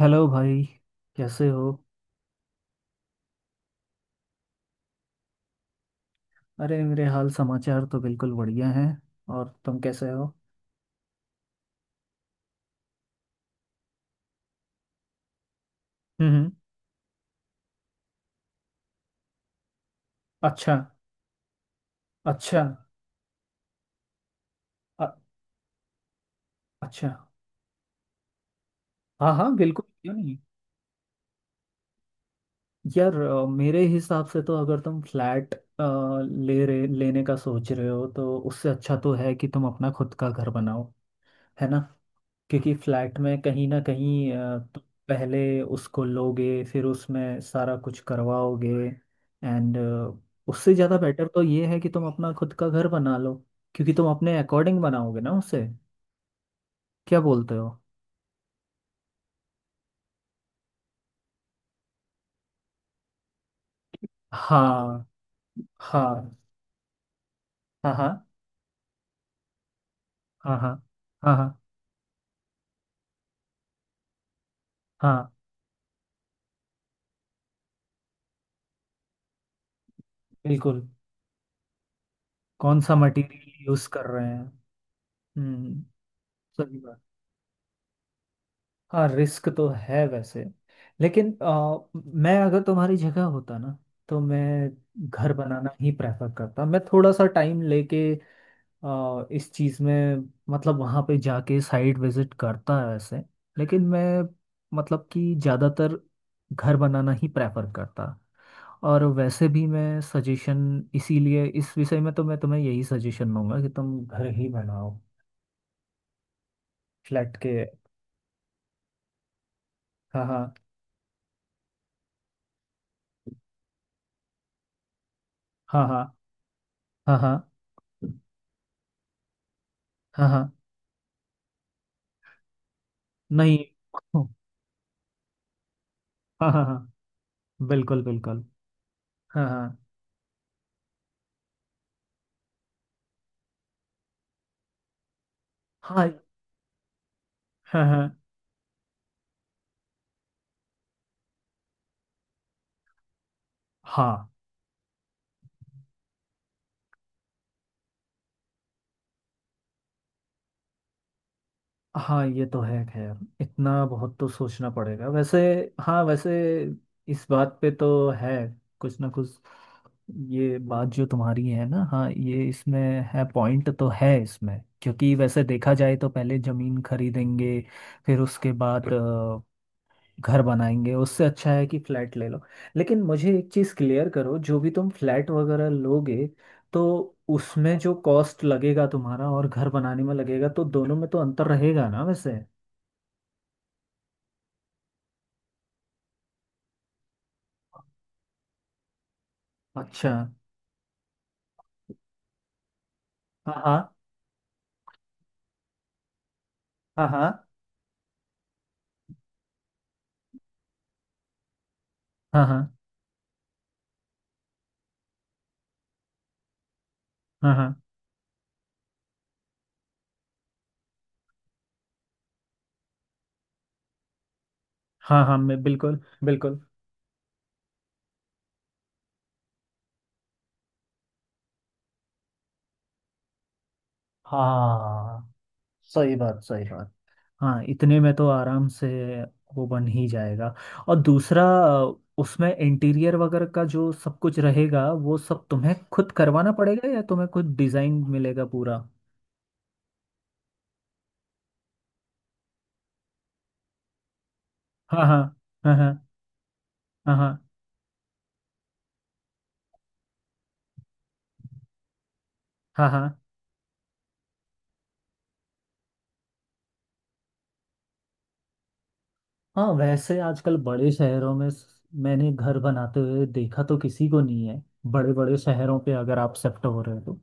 Hello भाई। कैसे हो? अरे मेरे हाल समाचार तो बिल्कुल बढ़िया हैं। और तुम कैसे हो? हम्म। अच्छा। अच्छा। अ- अच्छा। हाँ हाँ, बिल्कुल, क्यों नहीं। यार मेरे हिसाब से तो अगर तुम फ्लैट ले रहे लेने का सोच रहे हो तो उससे अच्छा तो है कि तुम अपना खुद का घर बनाओ। है ना। क्योंकि फ्लैट में कहीं ना कहीं तुम पहले उसको लोगे फिर उसमें सारा कुछ करवाओगे एंड उससे ज़्यादा बेटर तो ये है कि तुम अपना खुद का घर बना लो। क्योंकि तुम अपने अकॉर्डिंग बनाओगे ना उसे। क्या बोलते हो? हाँ हाँ हाँ हाँ हाँ हाँ हाँ हाँ हाँ। बिल्कुल। कौन सा मटेरियल यूज़ कर रहे हैं। हम्म। सही बात। हाँ रिस्क तो है वैसे। लेकिन मैं अगर तुम्हारी जगह होता ना तो मैं घर बनाना ही प्रेफर करता। मैं थोड़ा सा टाइम लेके इस चीज़ में मतलब वहाँ पे जाके साइट विजिट करता है वैसे। लेकिन मैं मतलब कि ज़्यादातर घर बनाना ही प्रेफर करता। और वैसे भी मैं सजेशन, इसीलिए इस विषय में तो मैं तुम्हें यही सजेशन दूंगा कि तुम घर ही बनाओ फ्लैट के। हाँ हाँ हाँ हाँ हाँ हाँ हाँ हाँ हाँ। नहीं। हाँ हाँ हाँ। बिल्कुल बिल्कुल। हाँ हाँ हाँ हाँ हाँ हाँ हाँ ये तो है खैर। इतना बहुत तो सोचना पड़ेगा वैसे। हाँ वैसे इस बात पे तो है कुछ ना कुछ। ये बात जो तुम्हारी है ना, हाँ, ये इसमें है, पॉइंट तो है इसमें। क्योंकि वैसे देखा जाए तो पहले जमीन खरीदेंगे फिर उसके बाद घर बनाएंगे, उससे अच्छा है कि फ्लैट ले लो। लेकिन मुझे एक चीज़ क्लियर करो, जो भी तुम फ्लैट वगैरह लोगे तो उसमें जो कॉस्ट लगेगा तुम्हारा और घर बनाने में लगेगा तो दोनों में तो अंतर रहेगा ना वैसे। अच्छा। हाँ हाँ हाँ हाँ हाँ हाँ हाँ हाँ हाँ हाँ मैं बिल्कुल बिल्कुल। हाँ सही बात सही बात। हाँ इतने में तो आराम से वो बन ही जाएगा। और दूसरा उसमें इंटीरियर वगैरह का जो सब कुछ रहेगा वो सब तुम्हें खुद करवाना पड़ेगा या तुम्हें खुद डिजाइन मिलेगा पूरा। हाँ हाँ हाँ हाँ हाँ हाँ हाँ हाँ। हाँ वैसे आजकल बड़े शहरों में मैंने घर बनाते हुए देखा तो किसी को नहीं है। बड़े बड़े शहरों पे अगर आप शिफ्ट हो रहे हो तो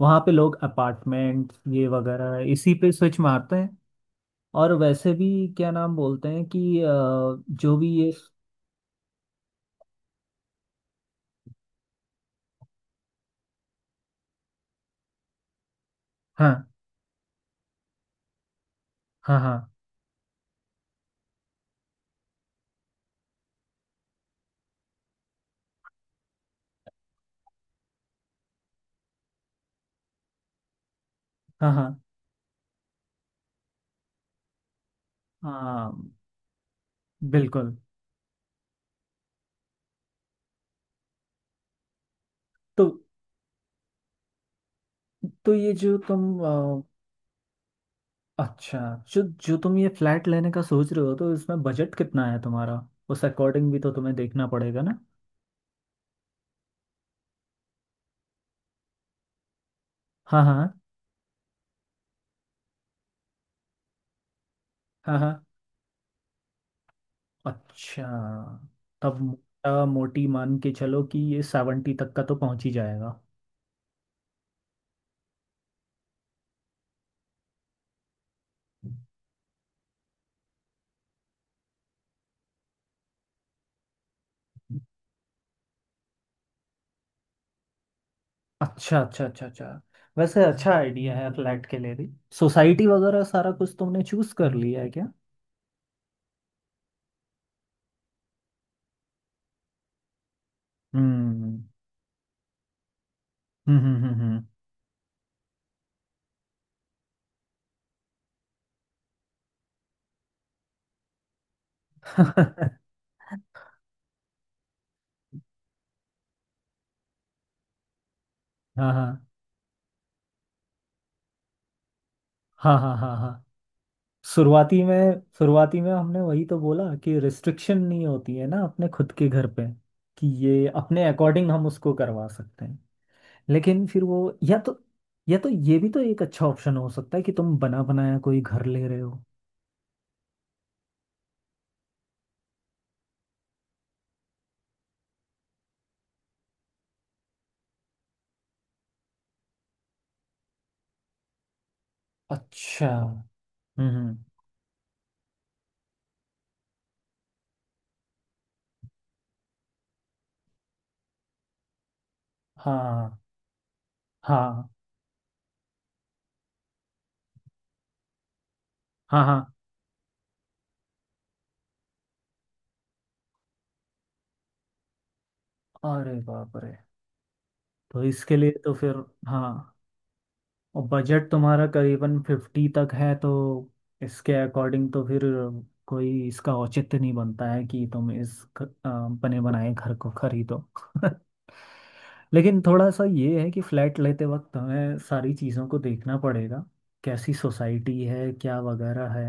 वहाँ पे लोग अपार्टमेंट ये वगैरह इसी पे स्विच मारते हैं। और वैसे भी क्या नाम बोलते हैं कि जो भी ये, हाँ हाँ हाँ हाँ हाँ हाँ। बिल्कुल। तो ये जो तुम अच्छा, जो जो तुम ये फ्लैट लेने का सोच रहे हो तो इसमें बजट कितना है तुम्हारा। उस अकॉर्डिंग भी तो तुम्हें देखना पड़ेगा ना। हाँ हाँ हाँ हाँ। अच्छा, तब मोटा मोटी मान के चलो कि ये 70 तक का तो पहुंच ही जाएगा। अच्छा अच्छा अच्छा अच्छा वैसे अच्छा आइडिया है फ्लैट के लिए भी। सोसाइटी वगैरह सारा कुछ तुमने चूज कर लिया है क्या? हम्म हम्म हम्म हम्म हम्म। हाँ हाँ हाँ हाँ हाँ हाँ। शुरुआती में, शुरुआती में हमने वही तो बोला कि रिस्ट्रिक्शन नहीं होती है ना अपने खुद के घर पे, कि ये अपने अकॉर्डिंग हम उसको करवा सकते हैं। लेकिन फिर वो, या तो ये भी तो एक अच्छा ऑप्शन हो सकता है कि तुम बना बनाया कोई घर ले रहे हो। अच्छा। हम्म। हाँ हाँ हाँ हाँ। अरे बाप रे। तो इसके लिए तो फिर, हाँ, और बजट तुम्हारा करीबन 50 तक है तो इसके अकॉर्डिंग तो फिर कोई इसका औचित्य नहीं बनता है कि तुम इस बने बनाए घर को खरीदो। लेकिन थोड़ा सा ये है कि फ्लैट लेते वक्त हमें सारी चीज़ों को देखना पड़ेगा कैसी सोसाइटी है क्या वगैरह है।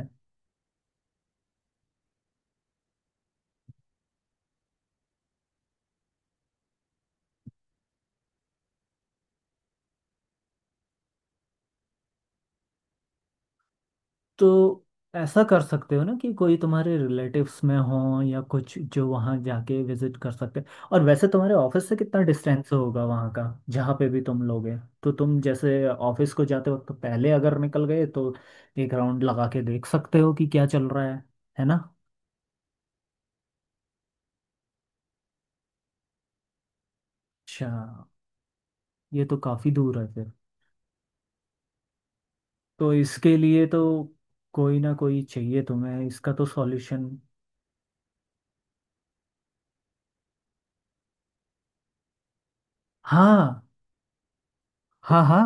तो ऐसा कर सकते हो ना कि कोई तुम्हारे रिलेटिव्स में हो या कुछ जो वहाँ जाके विजिट कर सकते हैं। और वैसे तुम्हारे ऑफिस से कितना डिस्टेंस होगा वहाँ का, जहाँ पे भी तुम लोगे। तो तुम जैसे ऑफिस को जाते वक्त पहले अगर निकल गए तो एक राउंड लगा के देख सकते हो कि क्या चल रहा है। है ना। अच्छा ये तो काफ़ी दूर है फिर। तो इसके लिए तो कोई ना कोई चाहिए तुम्हें इसका तो सॉल्यूशन। हाँ हाँ हाँ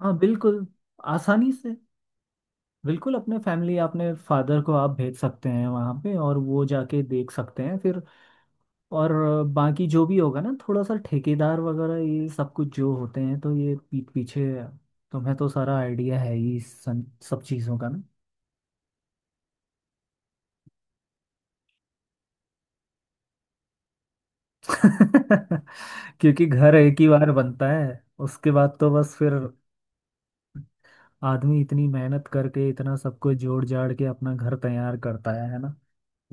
हाँ। बिल्कुल। आसानी से बिल्कुल अपने फैमिली, अपने फादर को आप भेज सकते हैं वहाँ पे और वो जाके देख सकते हैं फिर। और बाकी जो भी होगा ना, थोड़ा सा ठेकेदार वगैरह ये सब कुछ जो होते हैं तो ये पीठ पीछे। तुम्हें तो सारा आइडिया है ही इस सब चीज़ों का ना। क्योंकि घर एक ही बार बनता है। उसके बाद तो बस फिर आदमी इतनी मेहनत करके इतना सब कुछ जोड़ जाड़ के अपना घर तैयार करता है ना।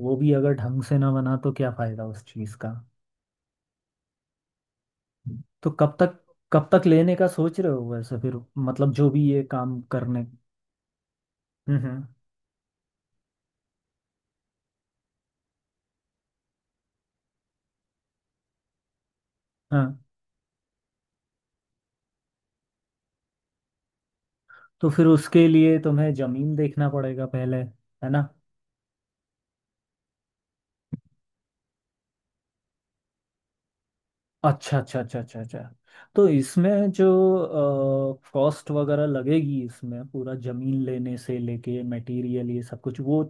वो भी अगर ढंग से ना बना तो क्या फायदा उस चीज़ का। तो कब तक लेने का सोच रहे हो वैसे फिर, मतलब जो भी ये काम करने। हम्म हम्म, हाँ, तो फिर उसके लिए तुम्हें जमीन देखना पड़ेगा पहले। है ना। अच्छा अच्छा अच्छा अच्छा अच्छा। तो इसमें जो कॉस्ट वगैरह लगेगी, इसमें पूरा जमीन लेने से लेके मटेरियल ये सब कुछ वो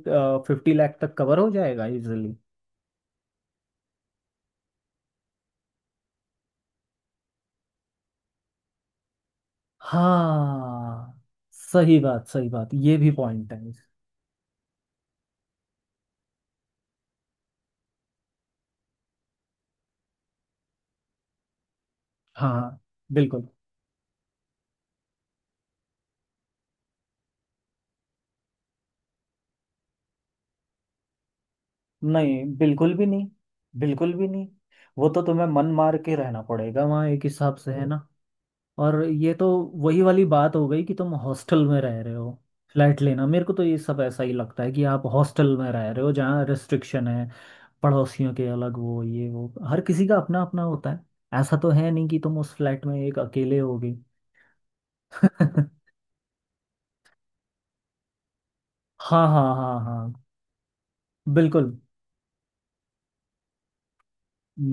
50 लाख तक कवर हो जाएगा इजिली। हाँ सही बात सही बात, ये भी पॉइंट है। हाँ बिल्कुल। नहीं बिल्कुल भी नहीं। बिल्कुल भी नहीं। वो तो तुम्हें मन मार के रहना पड़ेगा वहाँ एक हिसाब से। है ना। और ये तो वही वाली बात हो गई कि तुम हॉस्टल में रह रहे हो। फ्लैट लेना मेरे को तो ये सब ऐसा ही लगता है कि आप हॉस्टल में रह रहे हो जहाँ रिस्ट्रिक्शन है, पड़ोसियों के अलग वो ये वो हर किसी का अपना अपना होता है, ऐसा तो है नहीं कि तुम उस फ्लैट में एक अकेले होगे। हाँ हाँ हाँ हाँ बिल्कुल।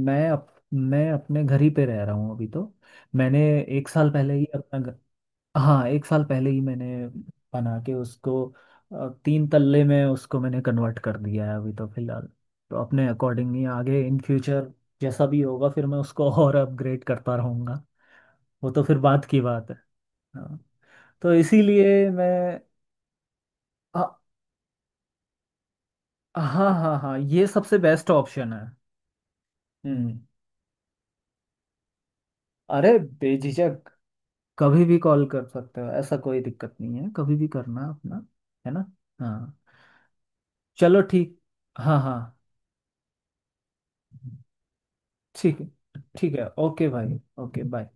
मैं अप, मैं अपने घर ही पे रह रहा हूँ अभी तो। मैंने एक साल पहले ही अपना हाँ, एक साल पहले ही मैंने बना के उसको 3 तल्ले में उसको मैंने कन्वर्ट कर दिया है अभी तो फिलहाल। तो अपने अकॉर्डिंग ही आगे इन फ्यूचर जैसा भी होगा फिर मैं उसको और अपग्रेड करता रहूँगा। वो तो फिर बात की बात है। हाँ तो इसीलिए मैं, हाँ हाँ हाँ हाँ ये सबसे बेस्ट ऑप्शन है। हम्म। अरे बेझिझक कभी भी कॉल कर सकते हो, ऐसा कोई दिक्कत नहीं है। कभी भी करना अपना। है ना। हाँ। चलो ठीक। हाँ हाँ। ठीक है। ठीक है, ओके भाई, ओके बाय।